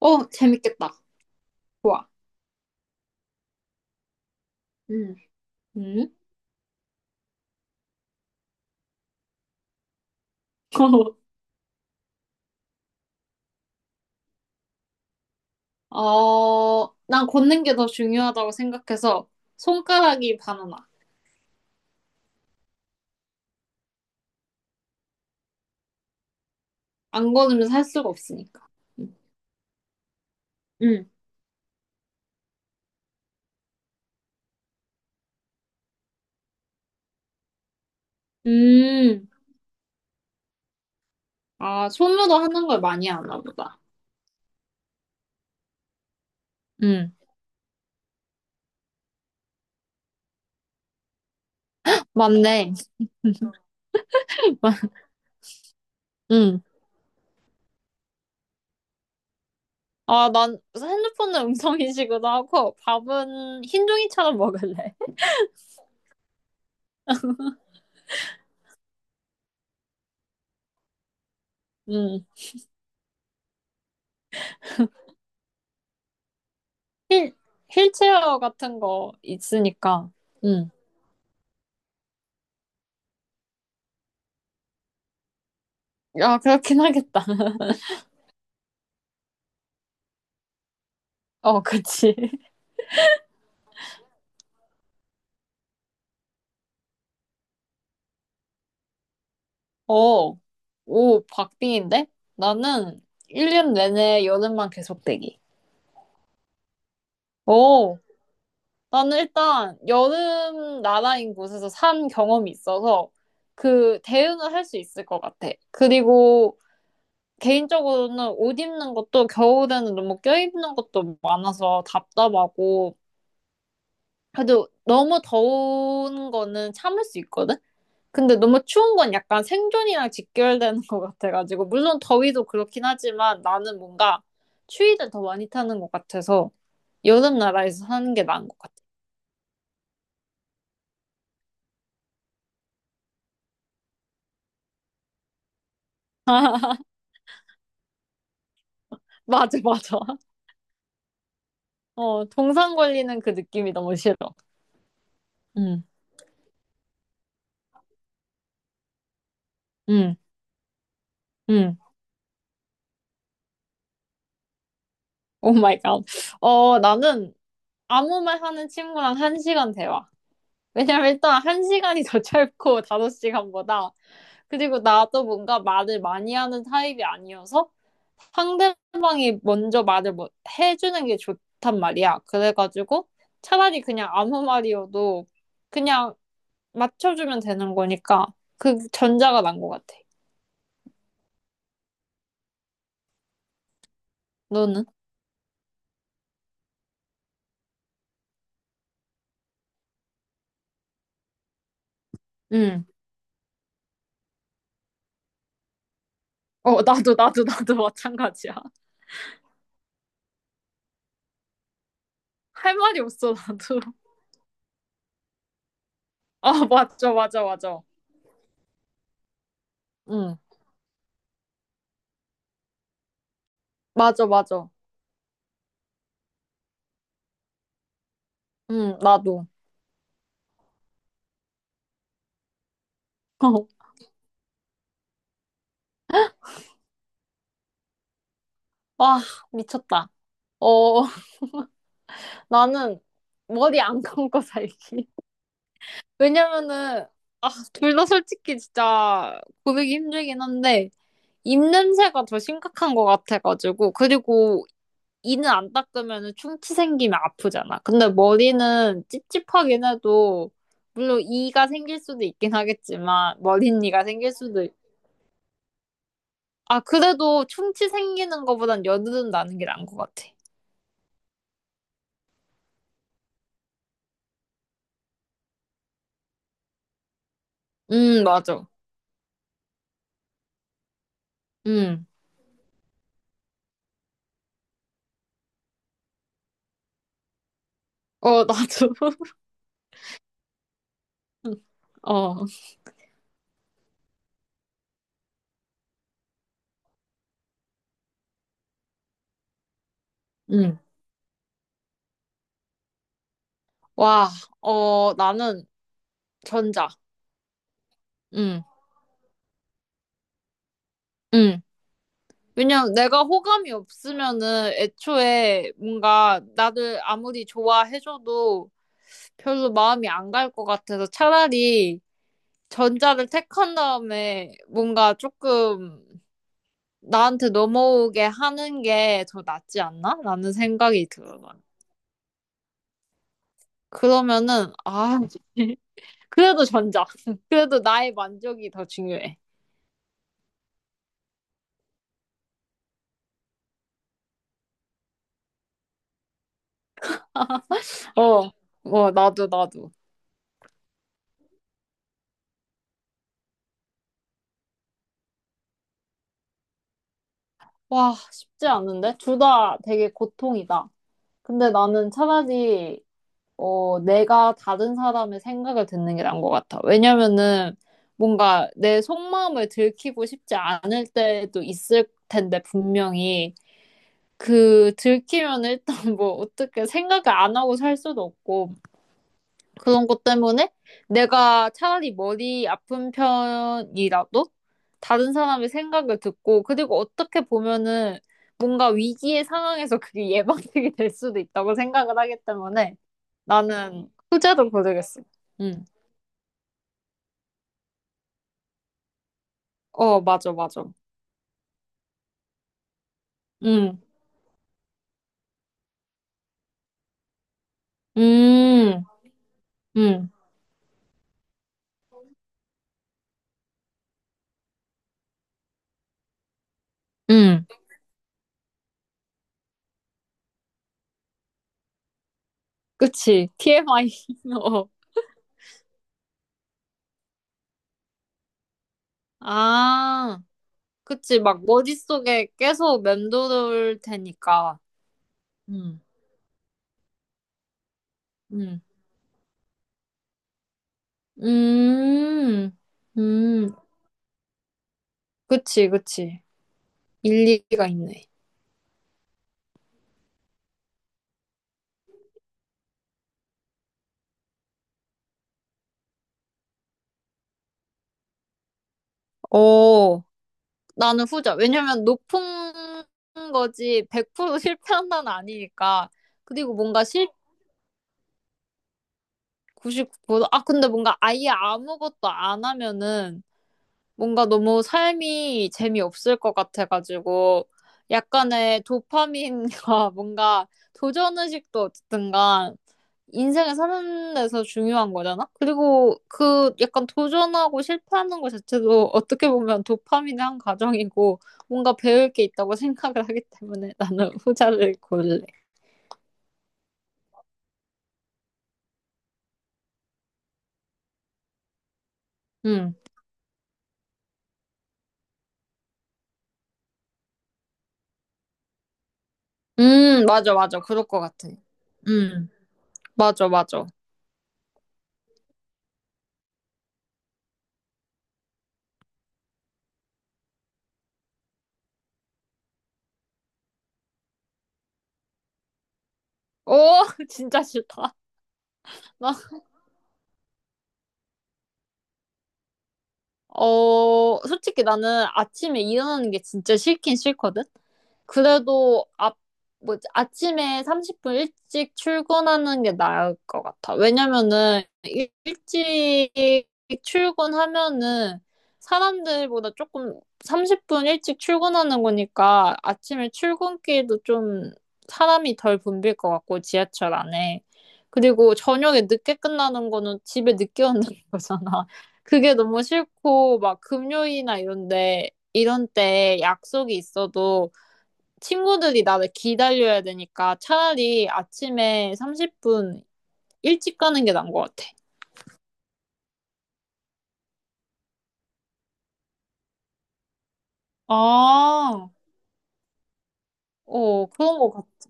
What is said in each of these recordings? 어, 재밌겠다. 좋아. 음. 음? 어, 난 걷는 게 더 중요하다고 생각해서 손가락이 바나나. 안 걷으면 살 수가 없으니까. 음. 음. 음. 아, 손으로 하는 걸 많이 하나 보다. 음. 맞네. 음. 아, 난 핸드폰은 음성인식으로 하고 밥은 흰 종이처럼 먹을래. 음. 휠, 힐체어 같은 거 있으니까. 음. 야, 그렇긴 하겠다. 어, 그치. 어, 오, 박빙인데? 나는 1년 내내 여름만 계속 대기. 오, 나는 일단 여름 나라인 곳에서 산 경험이 있어서 그 대응을 할 수 있을 것 같아. 그리고 개인적으로는 옷 입는 것도 겨울에는 너무 껴입는 것도 많아서 답답하고 그래도 너무 더운 거는 참을 수 있거든? 근데 너무 추운 건 약간 생존이랑 직결되는 것 같아가지고, 물론 더위도 그렇긴 하지만 나는 뭔가 추위를 더 많이 타는 것 같아서 여름 나라에서 사는 게 나은 것 같아. 맞아, 맞아. 어, 동상 걸리는 그 느낌이 너무 싫어. 응, 응, 응. 오 마이 갓. 어, 나는 아무 말 하는 친구랑 한 시간 대화. 왜냐면 일단 한 시간이 더 짧고 다섯 시간보다 그리고 나도 뭔가 말을 많이 하는 타입이 아니어서 상대방이 먼저 말을 뭐 해주는 게 좋단 말이야. 그래가지고 차라리 그냥 아무 말이어도 그냥 맞춰주면 되는 거니까 그 전자가 난 것 같아. 너는? 응. 어, 나도, 나도, 나도 마찬가지야. 할 말이 없어, 나도. 아, 맞아, 맞아, 맞아. 응, 맞아, 맞아. 응, 나도. 와, 미쳤다. 어, 나는 머리 안 감고 살기. 왜냐면은, 아, 둘 다 솔직히 진짜 고르기 힘들긴 한데, 입냄새가 더 심각한 것 같아가지고, 그리고 이는 안 닦으면 충치 생기면 아프잖아. 근데 머리는 찝찝하긴 해도, 물론 이가 생길 수도 있긴 하겠지만, 머린 이가 생길 수도, 있... 아, 그래도 충치 생기는 것보단 여드름 나는 게 나은 것 같아. 맞아. 음. 어, 나도. 어, 음. 와, 어, 나는 전자. 음. 음. 왜냐면 내가 호감이 없으면은 애초에 뭔가 나를 아무리 좋아해줘도 별로 마음이 안 갈 것 같아서 차라리 전자를 택한 다음에 뭔가 조금 나한테 넘어오게 하는 게 더 낫지 않나? 라는 생각이 들어요. 그러면은, 아, 그래도 전자. 그래도 나의 만족이 더 중요해. 어, 어, 나도, 나도. 와, 쉽지 않은데? 둘 다 되게 고통이다. 근데 나는 차라리 내가 다른 사람의 생각을 듣는 게 나은 것 같아. 왜냐면은 뭔가 내 속마음을 들키고 싶지 않을 때도 있을 텐데 분명히 그 들키면 일단 뭐 어떻게 생각을 안 하고 살 수도 없고 그런 것 때문에 내가 차라리 머리 아픈 편이라도 다른 사람의 생각을 듣고 그리고 어떻게 보면은 뭔가 위기의 상황에서 그게 예방책이 될 수도 있다고 생각을 하기 때문에 나는 후자로 고르겠어. 응. 어, 맞아, 맞아. 응. 음, 음, 음. 그치. TMI. 어. 아, 그치. 막 머릿속에 계속 맴돌 테니까. 응. 음. 음, 음, 그치, 그치. 일리가 있네. 어, 나는 후자. 왜냐면 높은 거지 100% 실패한다는 아니니까. 그리고 뭔가 실 99%, 아, 근데 뭔가 아예 아무것도 안 하면은 뭔가 너무 삶이 재미없을 것 같아가지고 약간의 도파민과 뭔가 도전의식도 어쨌든 간 인생을 사는 데서 중요한 거잖아? 그리고 그 약간 도전하고 실패하는 것 자체도 어떻게 보면 도파민의 한 과정이고 뭔가 배울 게 있다고 생각을 하기 때문에 나는 후자를 고를래. 음. 맞아, 맞아. 그럴 것 같아. 음, 맞아, 맞아. 오, 진짜 싫다. 나 어, 솔직히 나는 아침에 일어나는 게 진짜 싫긴 싫거든? 그래도 뭐 아침에 30분 일찍 출근하는 게 나을 것 같아. 왜냐면은 일찍 출근하면은 사람들보다 조금 30분 일찍 출근하는 거니까 아침에 출근길도 좀 사람이 덜 붐빌 것 같고 지하철 안에. 그리고 저녁에 늦게 끝나는 거는 집에 늦게 온다는 거잖아. 그게 너무 싫고 막 금요일이나 이런데 이런 때 약속이 있어도 친구들이 나를 기다려야 되니까 차라리 아침에 30분 일찍 가는 게 나은 것 같아. 아, 어, 그런 것 같아.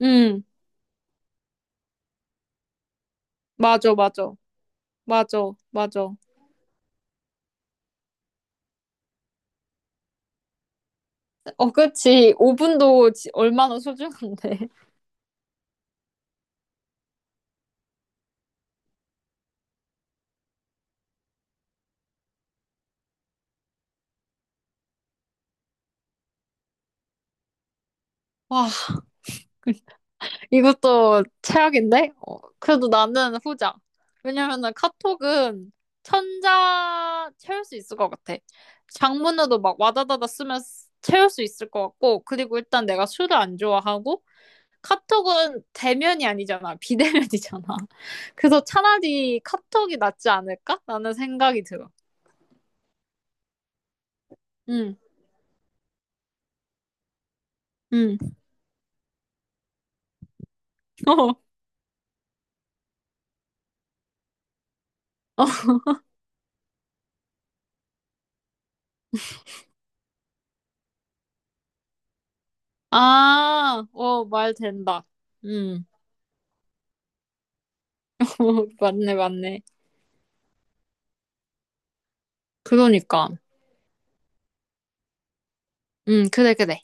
응, 맞아, 맞아. 맞아, 맞아. 어, 그치. 5분도 얼마나 소중한데. 와, 이것도 최악인데? 어, 그래도 나는 후자. 왜냐면은 카톡은 천자 채울 수 있을 것 같아. 장문으로 막 와다다다 쓰면 채울 수 있을 것 같고, 그리고 일단 내가 술을 안 좋아하고, 카톡은 대면이 아니잖아. 비대면이잖아. 그래서 차라리 카톡이 낫지 않을까? 라는 생각이 들어. 응, 응. 어, 어. 아, 어, 말 된다. 응. 어, 맞네, 맞네. 그러니까. 응, 그래, 그래.